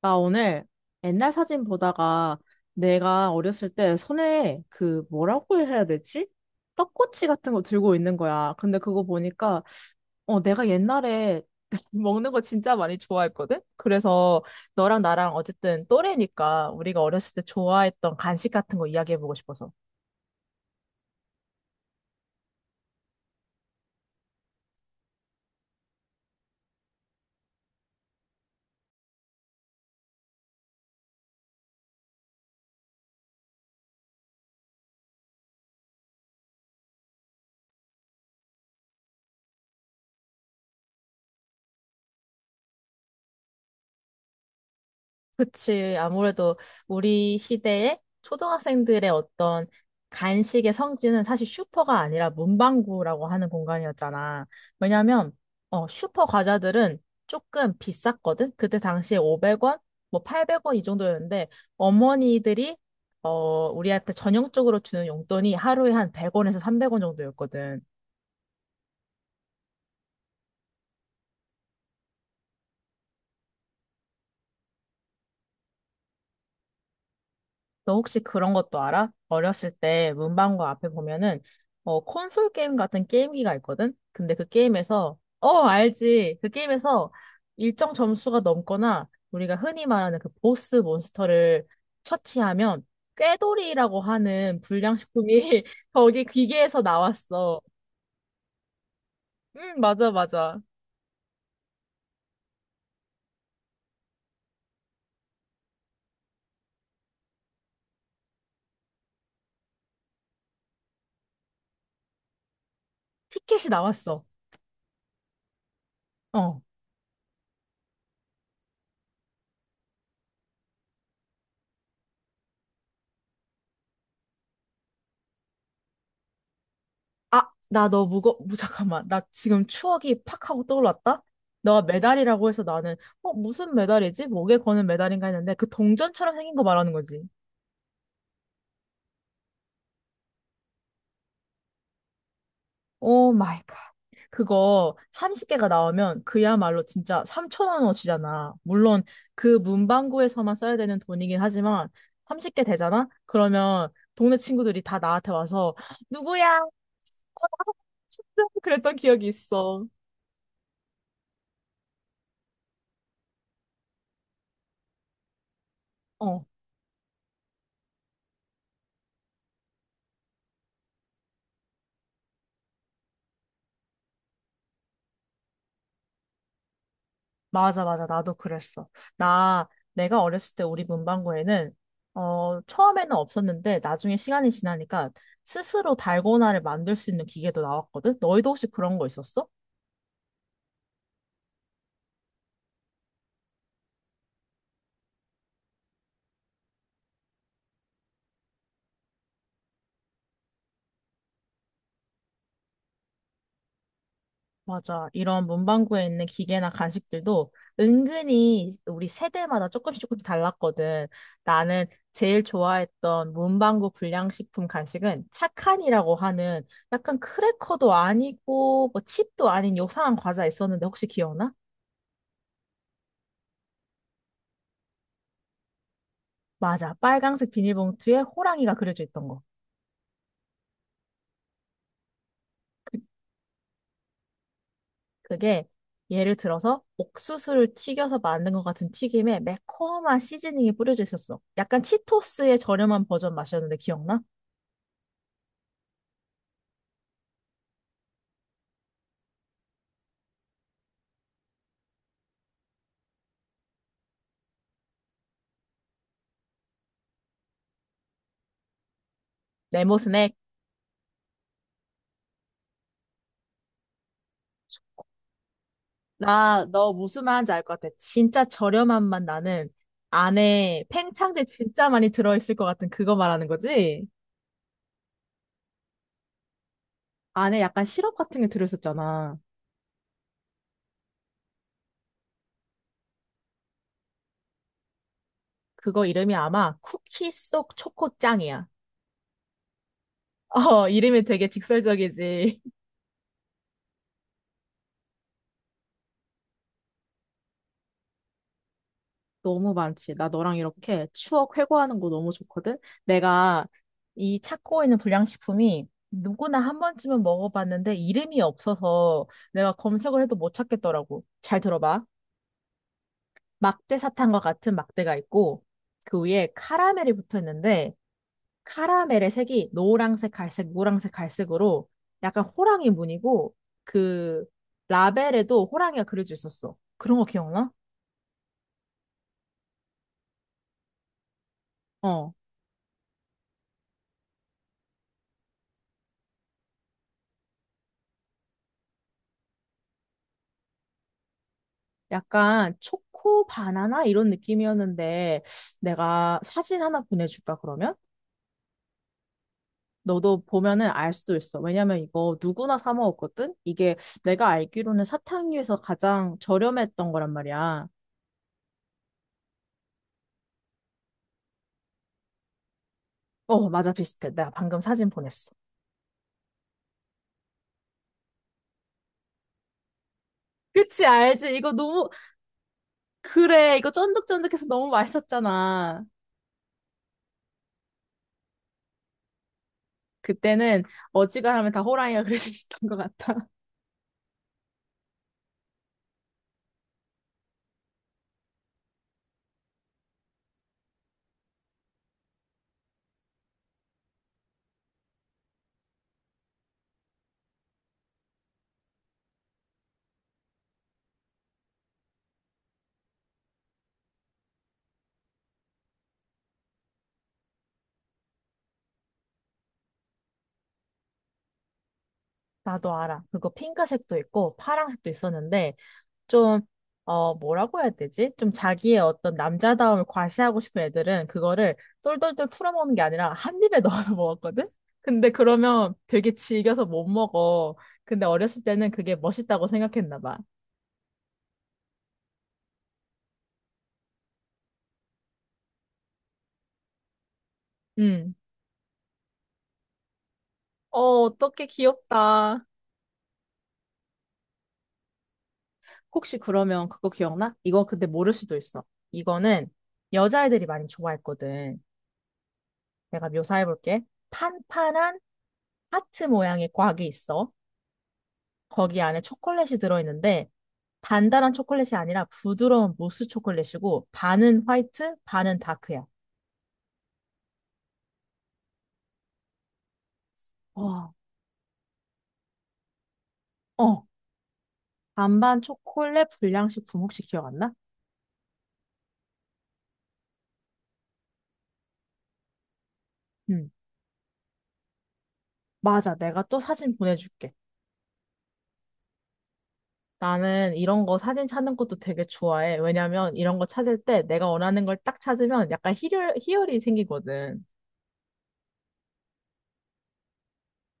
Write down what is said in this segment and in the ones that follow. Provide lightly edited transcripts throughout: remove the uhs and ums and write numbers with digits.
나 오늘 옛날 사진 보다가 내가 어렸을 때 손에 그 뭐라고 해야 되지? 떡꼬치 같은 거 들고 있는 거야. 근데 그거 보니까 어 내가 옛날에 먹는 거 진짜 많이 좋아했거든? 그래서 너랑 나랑 어쨌든 또래니까 우리가 어렸을 때 좋아했던 간식 같은 거 이야기해보고 싶어서. 그치. 아무래도 우리 시대에 초등학생들의 어떤 간식의 성지는 사실 슈퍼가 아니라 문방구라고 하는 공간이었잖아. 왜냐면, 어, 슈퍼 과자들은 조금 비쌌거든? 그때 당시에 500원, 뭐 800원 이 정도였는데, 어머니들이, 어, 우리한테 전형적으로 주는 용돈이 하루에 한 100원에서 300원 정도였거든. 너 혹시 그런 것도 알아? 어렸을 때 문방구 앞에 보면은 어 콘솔 게임 같은 게임기가 있거든? 근데 그 게임에서 어 알지. 그 게임에서 일정 점수가 넘거나 우리가 흔히 말하는 그 보스 몬스터를 처치하면 꾀돌이라고 하는 불량식품이 거기 기계에서 나왔어. 응, 맞아, 맞아. 티켓이 나왔어. 어. 아, 나 잠깐만. 나 지금 추억이 팍 하고 떠올랐다? 너가 메달이라고 해서 나는, 어, 무슨 메달이지? 목에 거는 메달인가 했는데, 그 동전처럼 생긴 거 말하는 거지. 오 마이 갓. 그거 30개가 나오면 그야말로 진짜 3천 원어치잖아. 물론 그 문방구에서만 써야 되는 돈이긴 하지만, 30개 되잖아? 그러면 동네 친구들이 다 나한테 와서, 누구야? 어, 나 30원 그랬던 기억이 있어. 어. 맞아, 맞아. 나도 그랬어. 나, 내가 어렸을 때 우리 문방구에는, 어, 처음에는 없었는데, 나중에 시간이 지나니까 스스로 달고나를 만들 수 있는 기계도 나왔거든? 너희도 혹시 그런 거 있었어? 맞아. 이런 문방구에 있는 기계나 간식들도 은근히 우리 세대마다 조금씩 조금씩 달랐거든. 나는 제일 좋아했던 문방구 불량식품 간식은 착한이라고 하는 약간 크래커도 아니고 뭐 칩도 아닌 요상한 과자 있었는데 혹시 기억나? 맞아. 빨강색 비닐봉투에 호랑이가 그려져 있던 거. 그게 예를 들어서 옥수수를 튀겨서 만든 것 같은 튀김에 매콤한 시즈닝이 뿌려져 있었어. 약간 치토스의 저렴한 버전 맛이었는데 기억나? 네모 스낵. 나, 너 무슨 말인지 알 것 같아. 진짜 저렴한 맛 나는 안에 팽창제 진짜 많이 들어있을 것 같은 그거 말하는 거지? 안에 약간 시럽 같은 게 들어있었잖아. 그거 이름이 아마 쿠키 속 초코짱이야. 어, 이름이 되게 직설적이지. 너무 많지. 나 너랑 이렇게 추억 회고하는 거 너무 좋거든? 내가 이 찾고 있는 불량식품이 누구나 한 번쯤은 먹어봤는데 이름이 없어서 내가 검색을 해도 못 찾겠더라고. 잘 들어봐. 막대 사탕과 같은 막대가 있고 그 위에 카라멜이 붙어 있는데 카라멜의 색이 노란색, 갈색, 노란색, 갈색으로 약간 호랑이 무늬고 그 라벨에도 호랑이가 그려져 있었어. 그런 거 기억나? 어. 약간 초코 바나나 이런 느낌이었는데 내가 사진 하나 보내줄까 그러면? 너도 보면은 알 수도 있어. 왜냐면 이거 누구나 사 먹었거든? 이게 내가 알기로는 사탕류에서 가장 저렴했던 거란 말이야. 어, 맞아, 비슷해. 내가 방금 사진 보냈어. 그치, 알지? 이거 너무, 그래. 이거 쫀득쫀득해서 너무 맛있었잖아. 그때는 어지간하면 다 호랑이가 그려수 있었던 것 같아. 나도 알아. 그거 핑크색도 있고 파랑색도 있었는데 좀, 어, 뭐라고 해야 되지? 좀 자기의 어떤 남자다움을 과시하고 싶은 애들은 그거를 똘똘똘 풀어먹는 게 아니라 한 입에 넣어서 먹었거든? 근데 그러면 되게 질겨서 못 먹어. 근데 어렸을 때는 그게 멋있다고 생각했나 봐. 음. 어, 어떻게 귀엽다. 혹시 그러면 그거 기억나? 이거 근데 모를 수도 있어. 이거는 여자애들이 많이 좋아했거든. 내가 묘사해볼게. 판판한 하트 모양의 곽이 있어. 거기 안에 초콜릿이 들어있는데 단단한 초콜릿이 아니라 부드러운 무스 초콜릿이고 반은 화이트, 반은 다크야. 와. 어, 반반 초콜릿 불량식품 혹시 기억 안 나? 응. 맞아. 내가 또 사진 보내줄게. 나는 이런 거 사진 찾는 것도 되게 좋아해. 왜냐면 이런 거 찾을 때 내가 원하는 걸 딱 찾으면 약간 희열이 생기거든.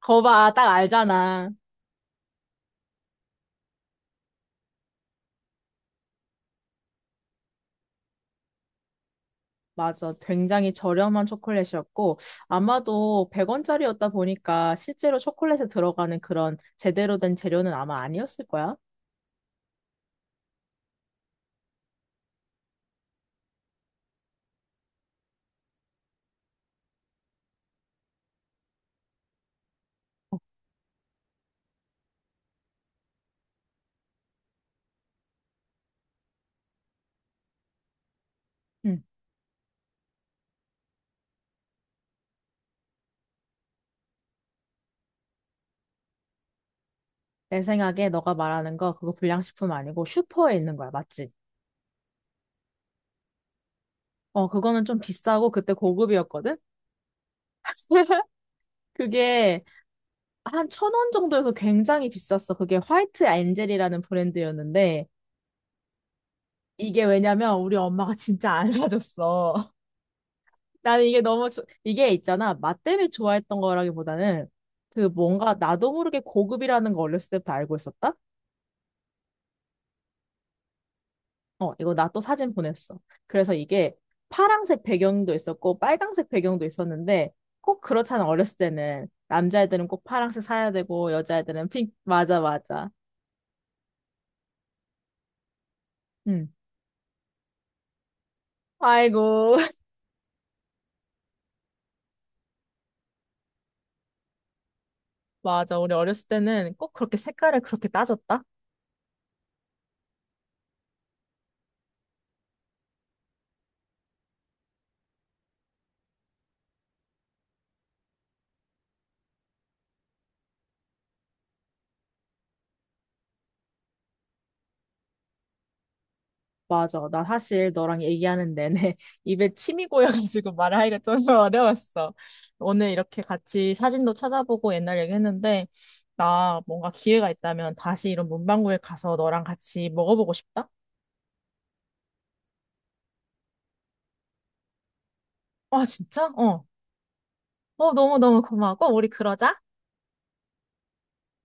거 봐, 딱 알잖아. 맞아. 굉장히 저렴한 초콜릿이었고, 아마도 100원짜리였다 보니까 실제로 초콜릿에 들어가는 그런 제대로 된 재료는 아마 아니었을 거야. 응. 내 생각에 너가 말하는 거 그거 불량식품 아니고 슈퍼에 있는 거야. 맞지? 어, 그거는 좀 비싸고 그때 고급이었거든? 그게 한 1,000원 정도여서 굉장히 비쌌어. 그게 화이트 엔젤이라는 브랜드였는데, 이게 왜냐면 우리 엄마가 진짜 안 사줬어. 나는 이게 너무, 이게 있잖아. 맛 때문에 좋아했던 거라기보다는 그 뭔가 나도 모르게 고급이라는 거 어렸을 때부터 알고 있었다? 어, 이거 나 또 사진 보냈어. 그래서 이게 파란색 배경도 있었고 빨간색 배경도 있었는데, 꼭 그렇잖아. 어렸을 때는. 남자애들은 꼭 파란색 사야 되고, 여자애들은 맞아, 맞아. 응. 아이고. 맞아. 우리 어렸을 때는 꼭 그렇게 색깔을 그렇게 따졌다? 맞아. 나 사실 너랑 얘기하는 내내 입에 침이 고여가지고 말하기가 좀 어려웠어. 오늘 이렇게 같이 사진도 찾아보고 옛날 얘기했는데, 나 뭔가 기회가 있다면 다시 이런 문방구에 가서 너랑 같이 먹어보고 싶다? 아, 진짜? 어. 어, 너무너무 고마워. 꼭 우리 그러자.